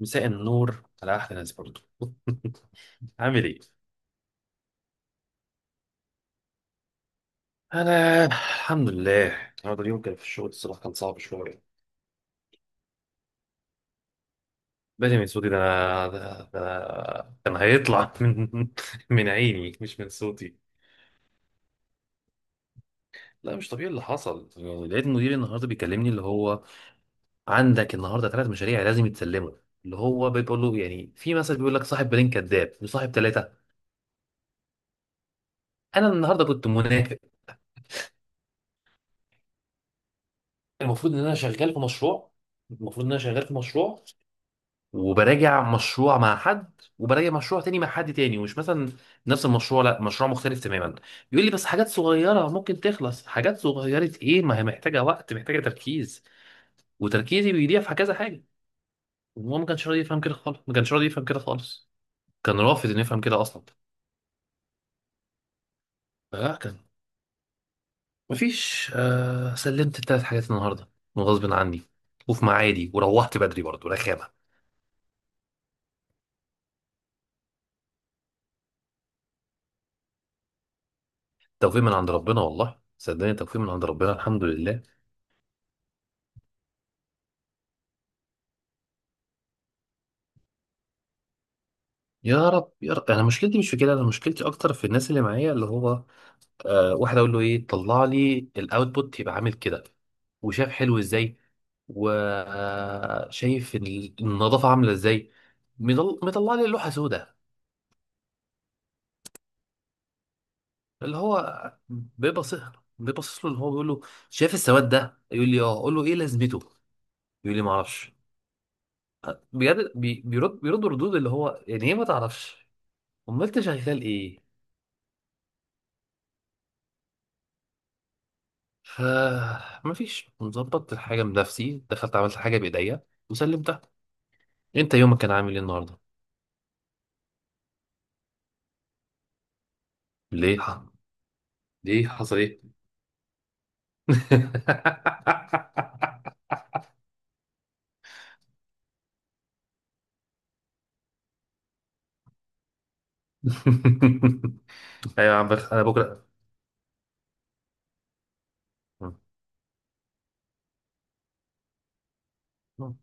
مساء النور على احلى ناس برضه. عامل ايه؟ انا الحمد لله، النهارده اليوم كان في الشغل الصراحه كان صعب شويه. بدري من صوتي؟ ده انا ده كان هيطلع من عيني، مش من صوتي. لا مش طبيعي اللي حصل، يعني لقيت مديري النهارده بيكلمني اللي هو: عندك النهارده ثلاث مشاريع لازم يتسلموا. اللي هو بيقول له يعني في مثل بيقول لك: صاحب بالين كذاب، وصاحب ثلاثه. انا النهارده كنت منافق. المفروض ان انا شغال في مشروع المفروض ان انا شغال في مشروع، وبراجع مشروع مع حد، وبراجع مشروع تاني مع حد تاني، ومش مثلا نفس المشروع، لا مشروع مختلف تماما. يقول لي بس حاجات صغيرة ممكن تخلص، حاجات صغيرة ايه؟ ما هي محتاجة وقت، محتاجة تركيز، وتركيزي بيضيع في كذا حاجة. وهو ما كانش راضي يفهم كده خالص ما كانش راضي يفهم كده خالص. كان رافض انه يفهم كده اصلا. فلا كان مفيش. آه، سلمت التلات حاجات النهاردة غصب عني، وفي ميعادي، وروحت بدري برضه رخامة. توفيق من عند ربنا، والله صدقني توفيق من عند ربنا، الحمد لله. يا رب يا رب. انا مشكلتي مش في كده، انا مشكلتي اكتر في الناس اللي معايا، اللي هو آه واحد اقول له ايه؟ طلع لي الاوتبوت يبقى عامل كده، وشاف حلو ازاي، وشايف النظافه عامله ازاي. مطلع لي لوحه سوداء، اللي هو بيبص، بيبص له، اللي هو بيقول له: شايف السواد ده؟ يقول لي اه، اقول له ايه لازمته؟ يقول لي ما اعرفش. بجد بيرد ردود، اللي هو يعني ايه ما تعرفش؟ امال انت شغال ايه؟ فمفيش، مظبط الحاجة بنفسي، دخلت عملت حاجة بإيديا وسلمتها. أنت يومك كان عامل إيه النهاردة؟ ليه؟ ليه حصل إيه؟ أيوة يا عم بخ، أنا بكرة. م-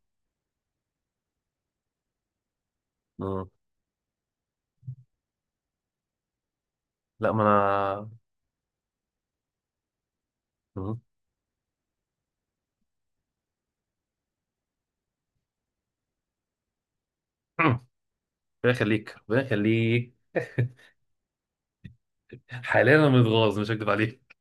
م- لا ما أنا. م- ربنا يخليك ربنا يخليك. حاليا أنا متغاظ، مش هكدب عليك.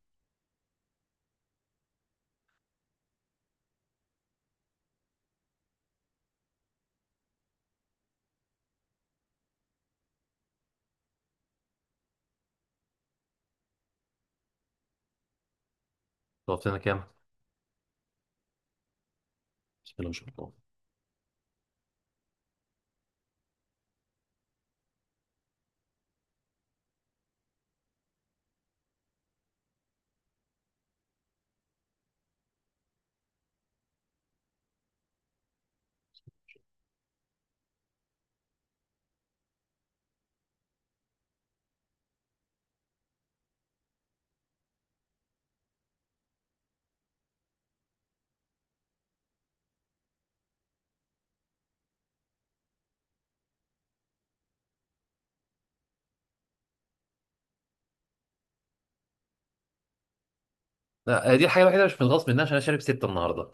ضربت لنا كام؟ بسم الله ما شاء الله. لا، آه، دي الحاجة الوحيدة اللي مش متغاظ منها، عشان أنا شارب ستة النهاردة.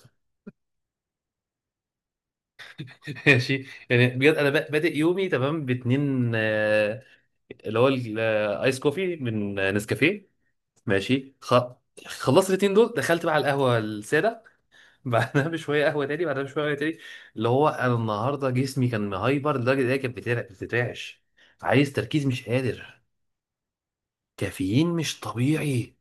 ماشي، يعني بجد انا بادئ يومي تمام باتنين، اللي هو الايس كوفي من نسكافيه. ماشي خلصت الاتنين دول، دخلت بقى على القهوه الساده. بعدها بشويه قهوه تاني، بعدها بشويه قهوه تاني. اللي هو انا النهارده جسمي كان مهايبر لدرجه ان هي كانت بتترعش. عايز تركيز، مش قادر، كافيين مش طبيعي.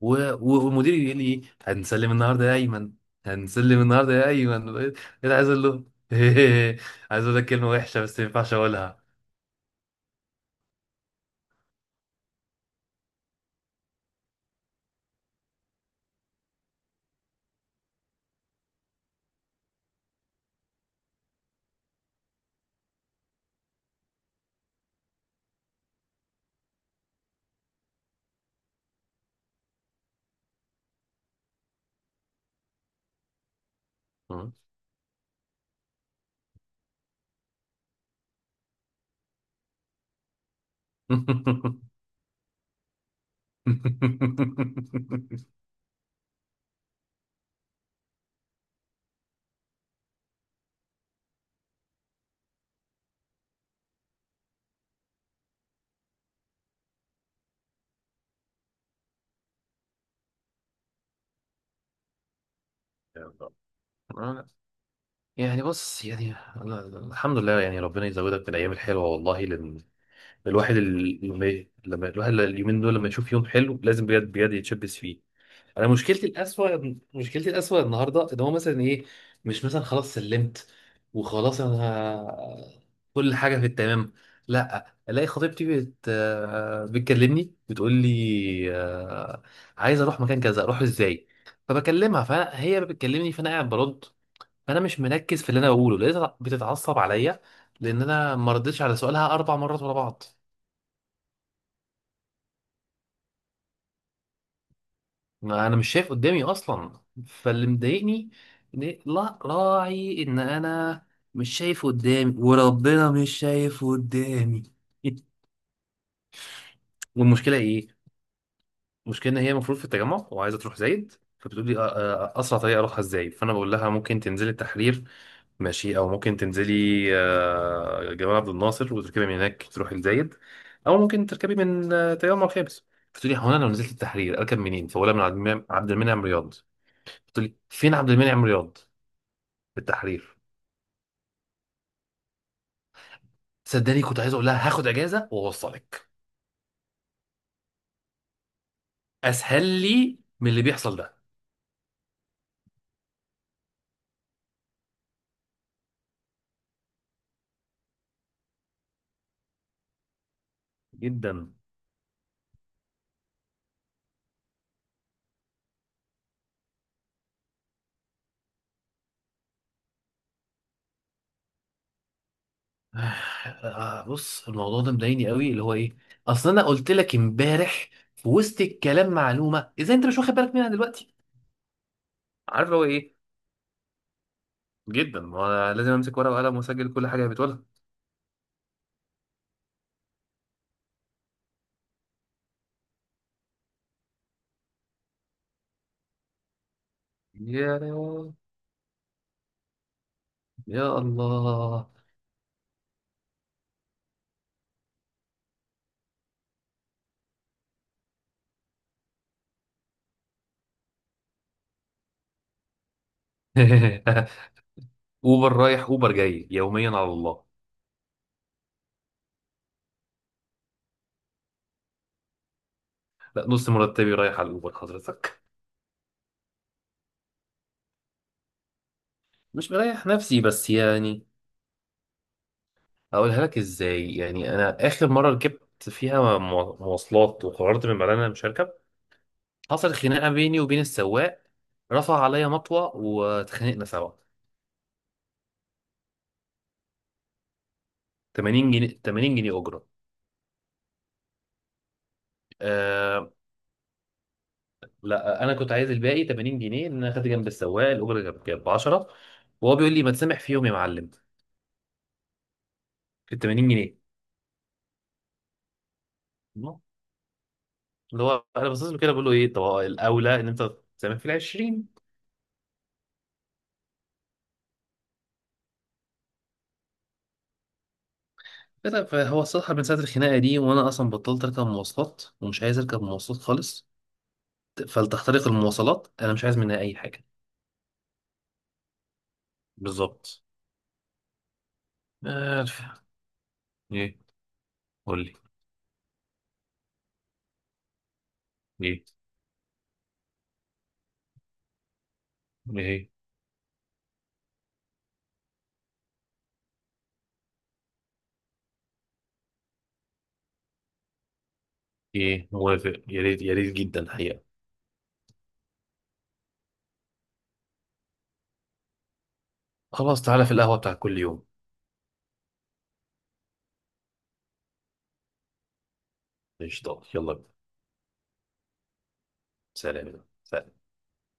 و... ومديري بيقول لي إيه؟ هنسلم النهارده يا ايمن. ايه اللي عايز اقول له؟ عايز اقول لك كلمه وحشه، بس ما ينفعش اقولها. يا رب. آه، يعني بص، يعني أنا الحمد لله، يعني ربنا يزودك بالايام الحلوه والله، لان الواحد لما الواحد اليومين دول لما يشوف يوم حلو لازم بجد بجد يتشبث فيه. انا مشكلتي الاسوأ النهارده ان هو مثلا ايه؟ مش مثلا، خلاص سلمت وخلاص انا كل حاجه في التمام. لا، الاقي خطيبتي بت آه، بتكلمني، بتقول لي عايز اروح مكان كذا اروح ازاي؟ فبكلمها، فهي بتكلمني فانا قاعد برد، فانا مش مركز في اللي انا بقوله، لقيتها بتتعصب عليا لان انا ما ردتش على سؤالها اربع مرات ورا بعض. ما انا مش شايف قدامي اصلا. فاللي مضايقني لا راعي ان انا مش شايف قدامي، وربنا مش شايف قدامي. والمشكله ايه؟ المشكله ان هي المفروض في التجمع وعايزه تروح زايد، فبتقول لي اسرع طريقه اروحها ازاي؟ فانا بقول لها ممكن تنزلي التحرير، ماشي، او ممكن تنزلي جمال عبد الناصر وتركبي من هناك تروحي لزايد، او ممكن تركبي من تجمع خامس. بتقول لي هو انا لو نزلت التحرير اركب منين؟ فبقول لها من عبد المنعم رياض. بتقول لي فين عبد المنعم رياض؟ في التحرير. صدقني كنت عايز اقول لها هاخد اجازه واوصلك، اسهل لي من اللي بيحصل ده. جدا. بص الموضوع ده مضايقني قوي، اللي هو ايه؟ اصل انا قلت لك امبارح في وسط الكلام معلومه، ازاي انت مش واخد بالك منها دلوقتي؟ عارف اللي هو ايه؟ جدا، ما أنا لازم امسك ورقه وقلم واسجل كل حاجه بتقولها. يا لهوي. يا الله. اوبر رايح، اوبر جاي، يوميا على الله. لا، نص مرتبي رايح على الاوبر حضرتك. مش مريح نفسي، بس يعني اقولها لك ازاي؟ يعني انا اخر مره ركبت فيها مواصلات، وقررت من بعدها إن انا مش هركب. حصلت خناقه بيني وبين السواق، رفع عليا مطوه واتخانقنا سوا. 80 جنيه، 80 جنيه اجره. آه، لا انا كنت عايز الباقي 80 جنيه، ان انا خدت جنب السواق الاجره كانت ب 10. وهو بيقول لي ما تسامح فيهم يا معلم. في 80 جنيه؟ الله. اللي هو انا باصص له كده بقول له ايه؟ طب هو الاولى ان انت تسامح في ال 20. بس فهو الصراحه من ساعه الخناقه دي وانا اصلا بطلت اركب مواصلات، ومش عايز اركب مواصلات خالص. فلتحترق المواصلات، انا مش عايز منها اي حاجه. بالظبط. آه، ايه؟ قول. جيت. ايه؟ ايه موافق؟ يا ريت يا ريت جدا حقيقة. خلاص تعالى في القهوة بتاع كل يوم. قشطة، يلا بينا. سلام سلام.